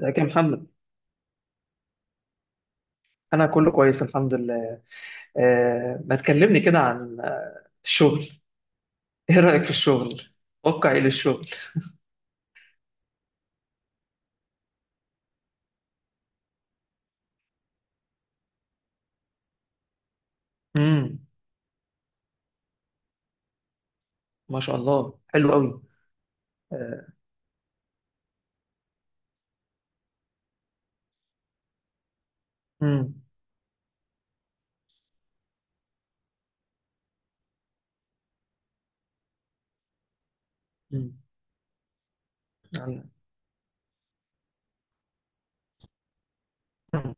ازيك يا محمد؟ انا كله كويس، الحمد لله. ما تكلمني كده عن الشغل. ايه رأيك في الشغل؟ واقع ايه للشغل؟ امم. ما شاء الله، حلو قوي. آه، امم، امم، يعني- مم.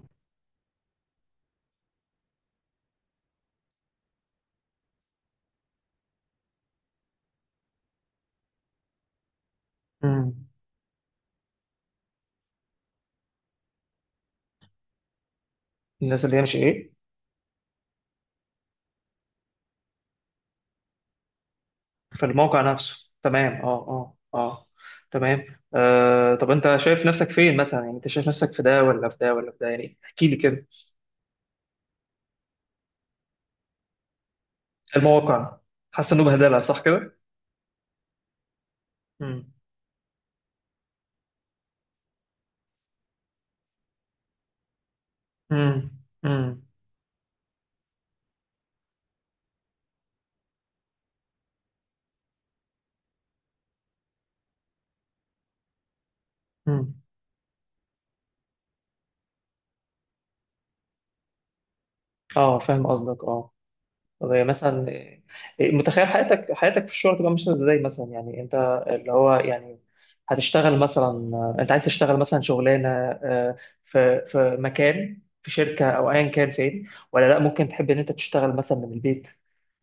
مم. الناس اللي هي مش ايه؟ في الموقع نفسه، تمام، اه، اه، اه. تمام، آه. طب انت شايف نفسك فين مثلا؟ يعني انت شايف نفسك في ده ولا في ده ولا في ده؟ يعني احكي لي كده. المواقع؟ حاسس انه بهدله، صح كده؟ امم. امم. امم. أمم. اه، فاهم قصدك، اه. طب هي مثلا، متخيل حياتك في الشغل تبقى ماشيه ازاي مثلا؟ يعني انت، اللي هو يعني، هتشتغل مثلا، انت عايز تشتغل مثلا شغلانه في مكان، في شركه او ايا كان فين، ولا لا ممكن تحب ان انت تشتغل مثلا من البيت؟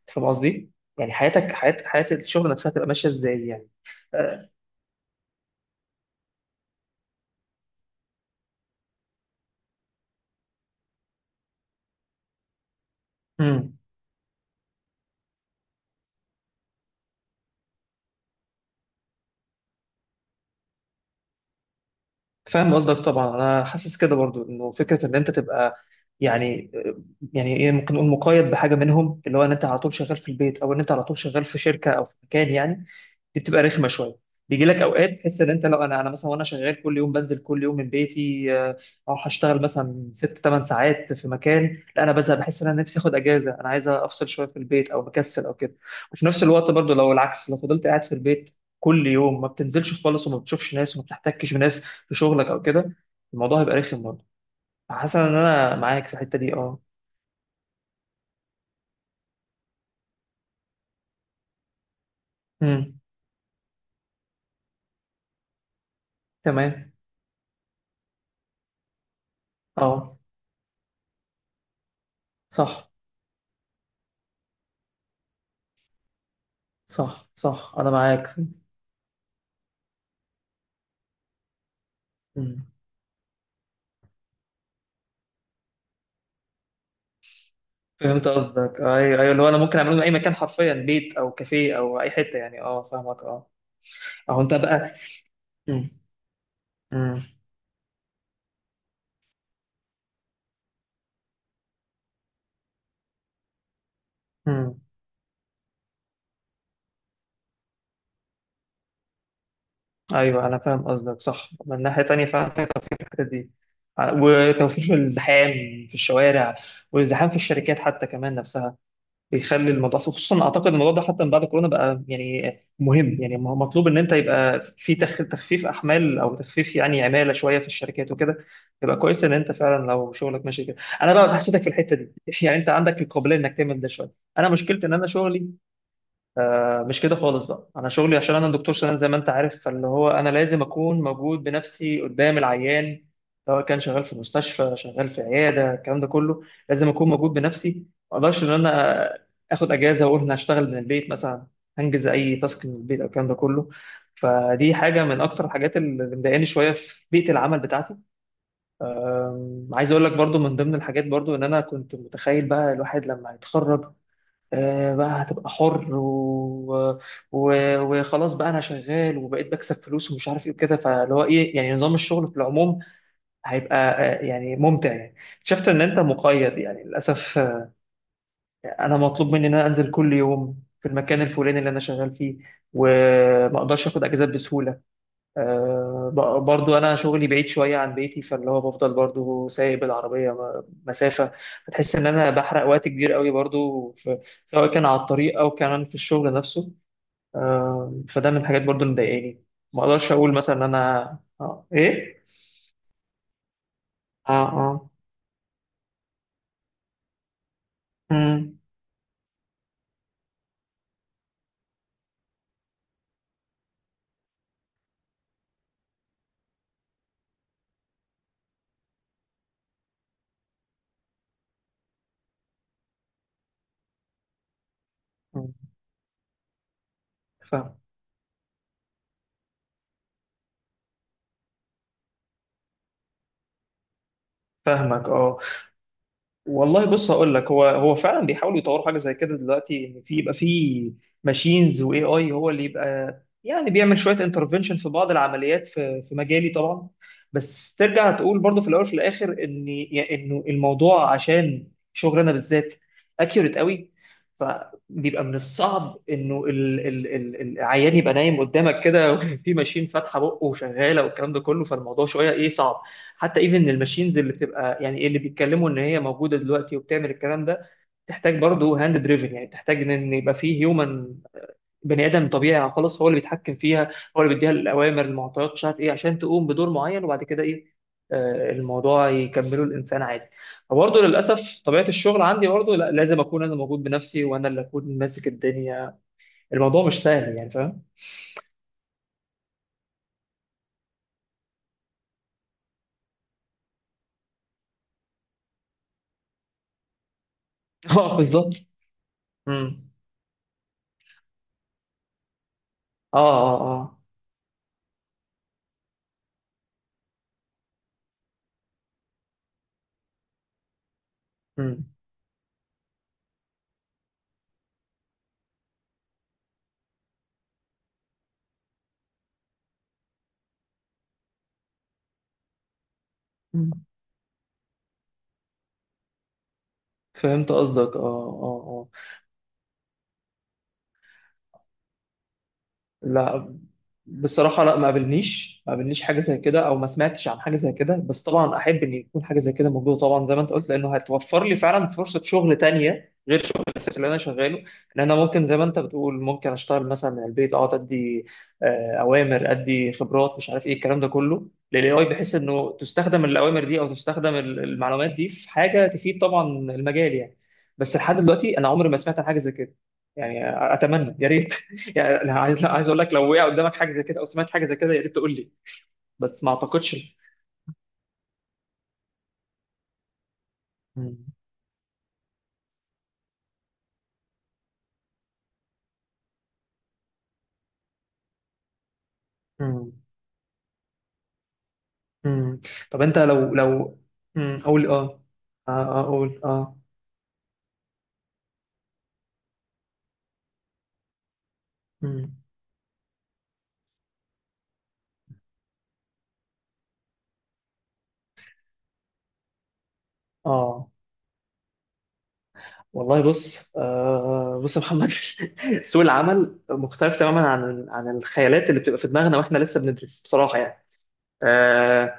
فاهم قصدي؟ يعني حياتك، حياه الشغل نفسها تبقى ماشيه ازاي يعني؟ آه، مم. فاهم قصدك طبعا. انا حاسس كده برضو انه فكره ان انت تبقى يعني يعني ايه، ممكن نقول مقيد بحاجه منهم، اللي هو ان انت على طول شغال في البيت او ان انت على طول شغال في شركه او في مكان يعني. دي بتبقى رخمه شويه. بيجي لك اوقات تحس ان انت، لو انا مثلا وانا شغال كل يوم بنزل كل يوم من بيتي، اروح اشتغل مثلا ست ثمان ساعات في مكان، لا انا بزهق، بحس ان انا نفسي اخد اجازه، انا عايز افصل شويه في البيت او مكسل او كده. وفي نفس الوقت برضو لو العكس، لو فضلت قاعد في البيت كل يوم، ما بتنزلش خالص وما بتشوفش ناس وما بتحتكش بناس في شغلك او كده، الموضوع هيبقى رخم برضه. حاسس ان انا معاك في الحته دي، اه. امم. تمام، اه. صح، صح، صح، انا معاك. مم. فهمت قصدك، ايوه، ايوه. اللي هو انا ممكن اعمله من اي مكان حرفيا، بيت او كافيه او اي حته يعني. اه، فاهمك، اه. اهو انت بقى. مم. مم. مم. ايوه انا فاهم قصدك، صح. من ناحيه تانيه فعلا في توفير في الحته دي، وتوفير في الزحام في الشوارع، والزحام في الشركات حتى كمان نفسها. بيخلي الموضوع، أصل خصوصا اعتقد الموضوع ده حتى من بعد كورونا بقى يعني مهم، يعني مطلوب ان انت يبقى في تخفيف احمال او تخفيف يعني عماله شويه في الشركات وكده. يبقى كويس ان انت فعلا لو شغلك ماشي كده. انا بقى حسيتك في الحته دي يعني انت عندك القابليه انك تعمل ده شويه. انا مشكلتي ان انا شغلي مش كده خالص. بقى انا شغلي عشان انا دكتور سنان زي ما انت عارف، فاللي هو انا لازم اكون موجود بنفسي قدام العيان. سواء كان شغال في مستشفى، شغال في عياده، الكلام ده كله، لازم اكون موجود بنفسي. ما اقدرش ان انا اخد اجازه واقول انا هشتغل من البيت مثلا، هنجز اي تاسك من البيت او الكلام ده كله. فدي حاجه من اكتر الحاجات اللي مضايقاني شويه في بيئه العمل بتاعتي. عايز اقول لك برضو من ضمن الحاجات برضو، ان انا كنت متخيل بقى الواحد لما هيتخرج، بقى هتبقى حر و... وخلاص، بقى انا شغال وبقيت بكسب فلوس ومش عارف ايه وكده، فاللي هو ايه يعني نظام الشغل في العموم هيبقى يعني ممتع يعني. شفت ان انت مقيد يعني للاسف. انا مطلوب مني ان انا انزل كل يوم في المكان الفلاني اللي انا شغال فيه، وما اقدرش اخد اجازات بسهوله. برضو انا شغلي بعيد شويه عن بيتي، فاللي هو بفضل برضو سايق بالعربيه مسافه. بتحس ان انا بحرق وقت كبير قوي برضو في، سواء كان على الطريق او كمان في الشغل نفسه. فده من الحاجات برضو اللي مضايقاني. ما اقدرش اقول مثلا ان انا ايه، اه، اه. مم. مم. فاهم، فاهمك، اه. والله بص هقول لك. هو فعلا بيحاولوا يطوروا حاجه زي كده دلوقتي، ان في يبقى في ماشينز واي اي هو اللي يبقى يعني بيعمل شويه انترفنشن في بعض العمليات، في مجالي طبعا. بس ترجع تقول برضه في الاول وفي الاخر ان يعني انه الموضوع عشان شغلنا بالذات اكيوريت قوي. فبيبقى من الصعب انه العيان يبقى نايم قدامك كده في ماشين فاتحه بقه وشغاله والكلام ده كله، فالموضوع شويه ايه صعب. حتى ايفن الماشينز اللي بتبقى يعني اللي بيتكلموا ان هي موجوده دلوقتي وبتعمل الكلام ده، تحتاج برضه هاند دريفن، يعني تحتاج إن يبقى فيه هيومن، بني ادم طبيعي خلاص هو اللي بيتحكم فيها. هو اللي بيديها الاوامر، المعطيات، مش عارف ايه، عشان تقوم بدور معين، وبعد كده ايه؟ الموضوع يكمله الانسان عادي. فبرضه للاسف طبيعه الشغل عندي برضه، لا، لازم اكون انا موجود بنفسي وانا اللي اكون ماسك الدنيا. الموضوع مش سهل يعني، فاهم؟ مش، اه سهل بالظبط. مم. اه، اه، اه. مم. فهمت قصدك، اه، اه، اه. لا، بصراحة لا، ما قابلنيش حاجة زي كده أو ما سمعتش عن حاجة زي كده، بس طبعا أحب إن يكون حاجة زي كده موجودة طبعا، زي ما أنت قلت، لأنه هتوفر لي فعلا فرصة شغل تانية غير شغل الأساسي اللي أنا شغاله. إن أنا ممكن زي ما أنت بتقول، ممكن أشتغل مثلا من البيت، أقعد أدي أوامر، أدي خبرات، مش عارف إيه الكلام ده كله للاي اي، بحيث إنه تستخدم الأوامر دي أو تستخدم المعلومات دي في حاجة تفيد طبعا المجال يعني. بس لحد دلوقتي أنا عمري ما سمعت عن حاجة زي كده يعني. أتمنى، يا ريت. يعني أنا عايز، لا، عايز اقول لك، لو وقع قدامك حاجه زي كده او سمعت حاجه زي كده يا ريت تقول لي. بس ما اعتقدش. مم. مم. مم. طب انت لو مم. قول، اه، اه، اقول، اه. مم. اه. والله بص، بص يا محمد. سوق العمل مختلف تماما عن الخيالات اللي بتبقى في دماغنا واحنا لسه بندرس، بصراحه يعني. آه،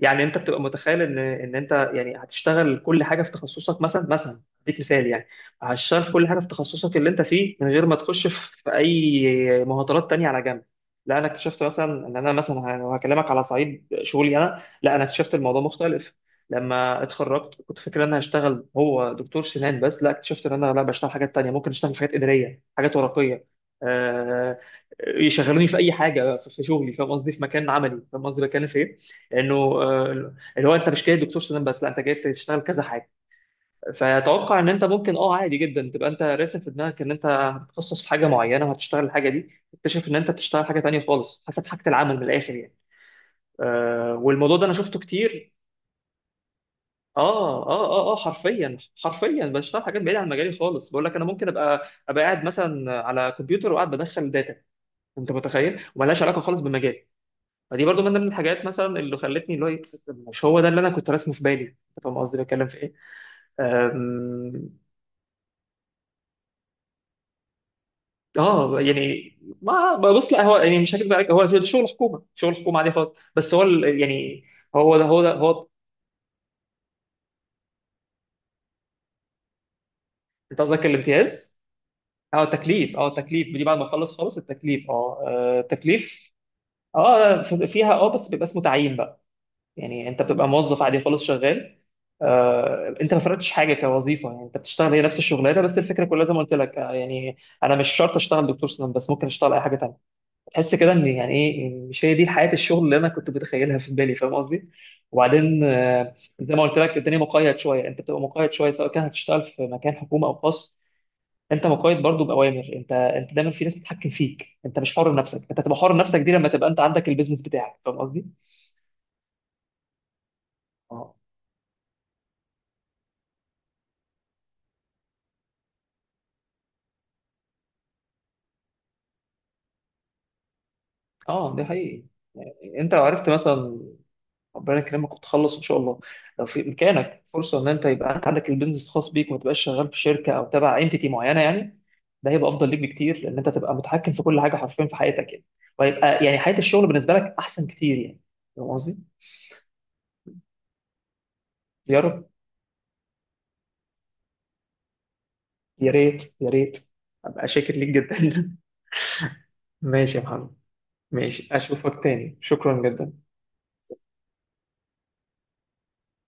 يعني انت بتبقى متخيل ان انت يعني هتشتغل كل حاجه في تخصصك مثلا اديك مثال يعني. هتشتغل في كل حاجه في تخصصك اللي انت فيه، من غير ما تخش في اي مهارات تانية على جنب. لا انا اكتشفت مثلا ان انا مثلا لو هكلمك على صعيد شغلي، انا لا، انا اكتشفت الموضوع مختلف. لما اتخرجت كنت فاكر ان انا هشتغل هو دكتور سنان بس. لا، اكتشفت ان انا لا، بشتغل حاجات تانية، ممكن اشتغل حاجات اداريه، حاجات ورقيه. آه، يشغلوني في اي حاجه في شغلي، فاهم قصدي؟ في مكان عملي، فاهم قصدي بتكلم في ايه؟ لانه اللي هو انت مش جاي دكتور سنان بس، لا انت جاي تشتغل كذا حاجه. فاتوقع ان انت ممكن اه عادي جدا تبقى انت راسم في دماغك ان انت هتتخصص في حاجه معينه وهتشتغل الحاجه دي، تكتشف ان انت بتشتغل حاجه تانيه خالص، حسب حاجه العمل من الاخر يعني. والموضوع ده انا شفته كتير. اه، اه، اه، اه، حرفيا، حرفيا بشتغل حاجات بعيده عن مجالي خالص. بقول لك انا ممكن ابقى قاعد مثلا على كمبيوتر وقاعد بدخل داتا، انت متخيل، وملهاش علاقه خالص بالمجال. فدي برضو من ضمن الحاجات مثلا اللي خلتني، اللي هو إيه، مش هو ده اللي انا كنت راسمه في بالي، انت فاهم قصدي بتكلم في ايه؟ أم، اه يعني، ما بص، لا هو يعني، مش هكذب عليك، هو ده شغل حكومه، شغل حكومه عادي خالص، بس هو يعني، هو ده هو. انت قصدك الامتياز؟ اه التكليف، اه التكليف دي بعد ما اخلص خالص. التكليف، اه، التكليف. اه، فيها، اه، بس بيبقى اسمه تعيين بقى. يعني انت بتبقى موظف عادي خالص شغال. انت ما فرقتش حاجه كوظيفه، يعني انت بتشتغل هي نفس الشغلانه، بس الفكره كلها زي ما قلت لك، يعني، انا مش شرط اشتغل دكتور سنان بس، ممكن اشتغل اي حاجه تانيه. تحس كده ان يعني ايه، إن مش هي دي حياه الشغل اللي انا كنت متخيلها في بالي، فاهم قصدي؟ وبعدين زي ما قلت لك، الدنيا مقيد شويه، انت بتبقى مقيد شويه سواء كان هتشتغل في مكان حكومه او خاص. انت مقيد برضو باوامر، انت دايما في ناس بتتحكم فيك، انت مش حر نفسك. انت تبقى حر نفسك دي لما تبقى انت عندك البيزنس بتاعك، فاهم قصدي. اه، اه، ده حقيقي. انت لو عرفت مثلا، ربنا يكرمك وتخلص ان شاء الله، لو في امكانك فرصه ان انت يبقى انت عندك البيزنس الخاص بيك وما تبقاش شغال في شركه او تبع انتيتي معينه يعني، ده هيبقى افضل ليك بكتير، لان انت تبقى متحكم في كل حاجه حرفيا في حياتك يعني. وهيبقى يعني حياه الشغل بالنسبه لك احسن كتير يعني. فاهم قصدي؟ يا رب. يا ريت، يا ريت، ابقى شاكر ليك جدا. ماشي يا محمد، ماشي، اشوفك تاني، شكرا جدا.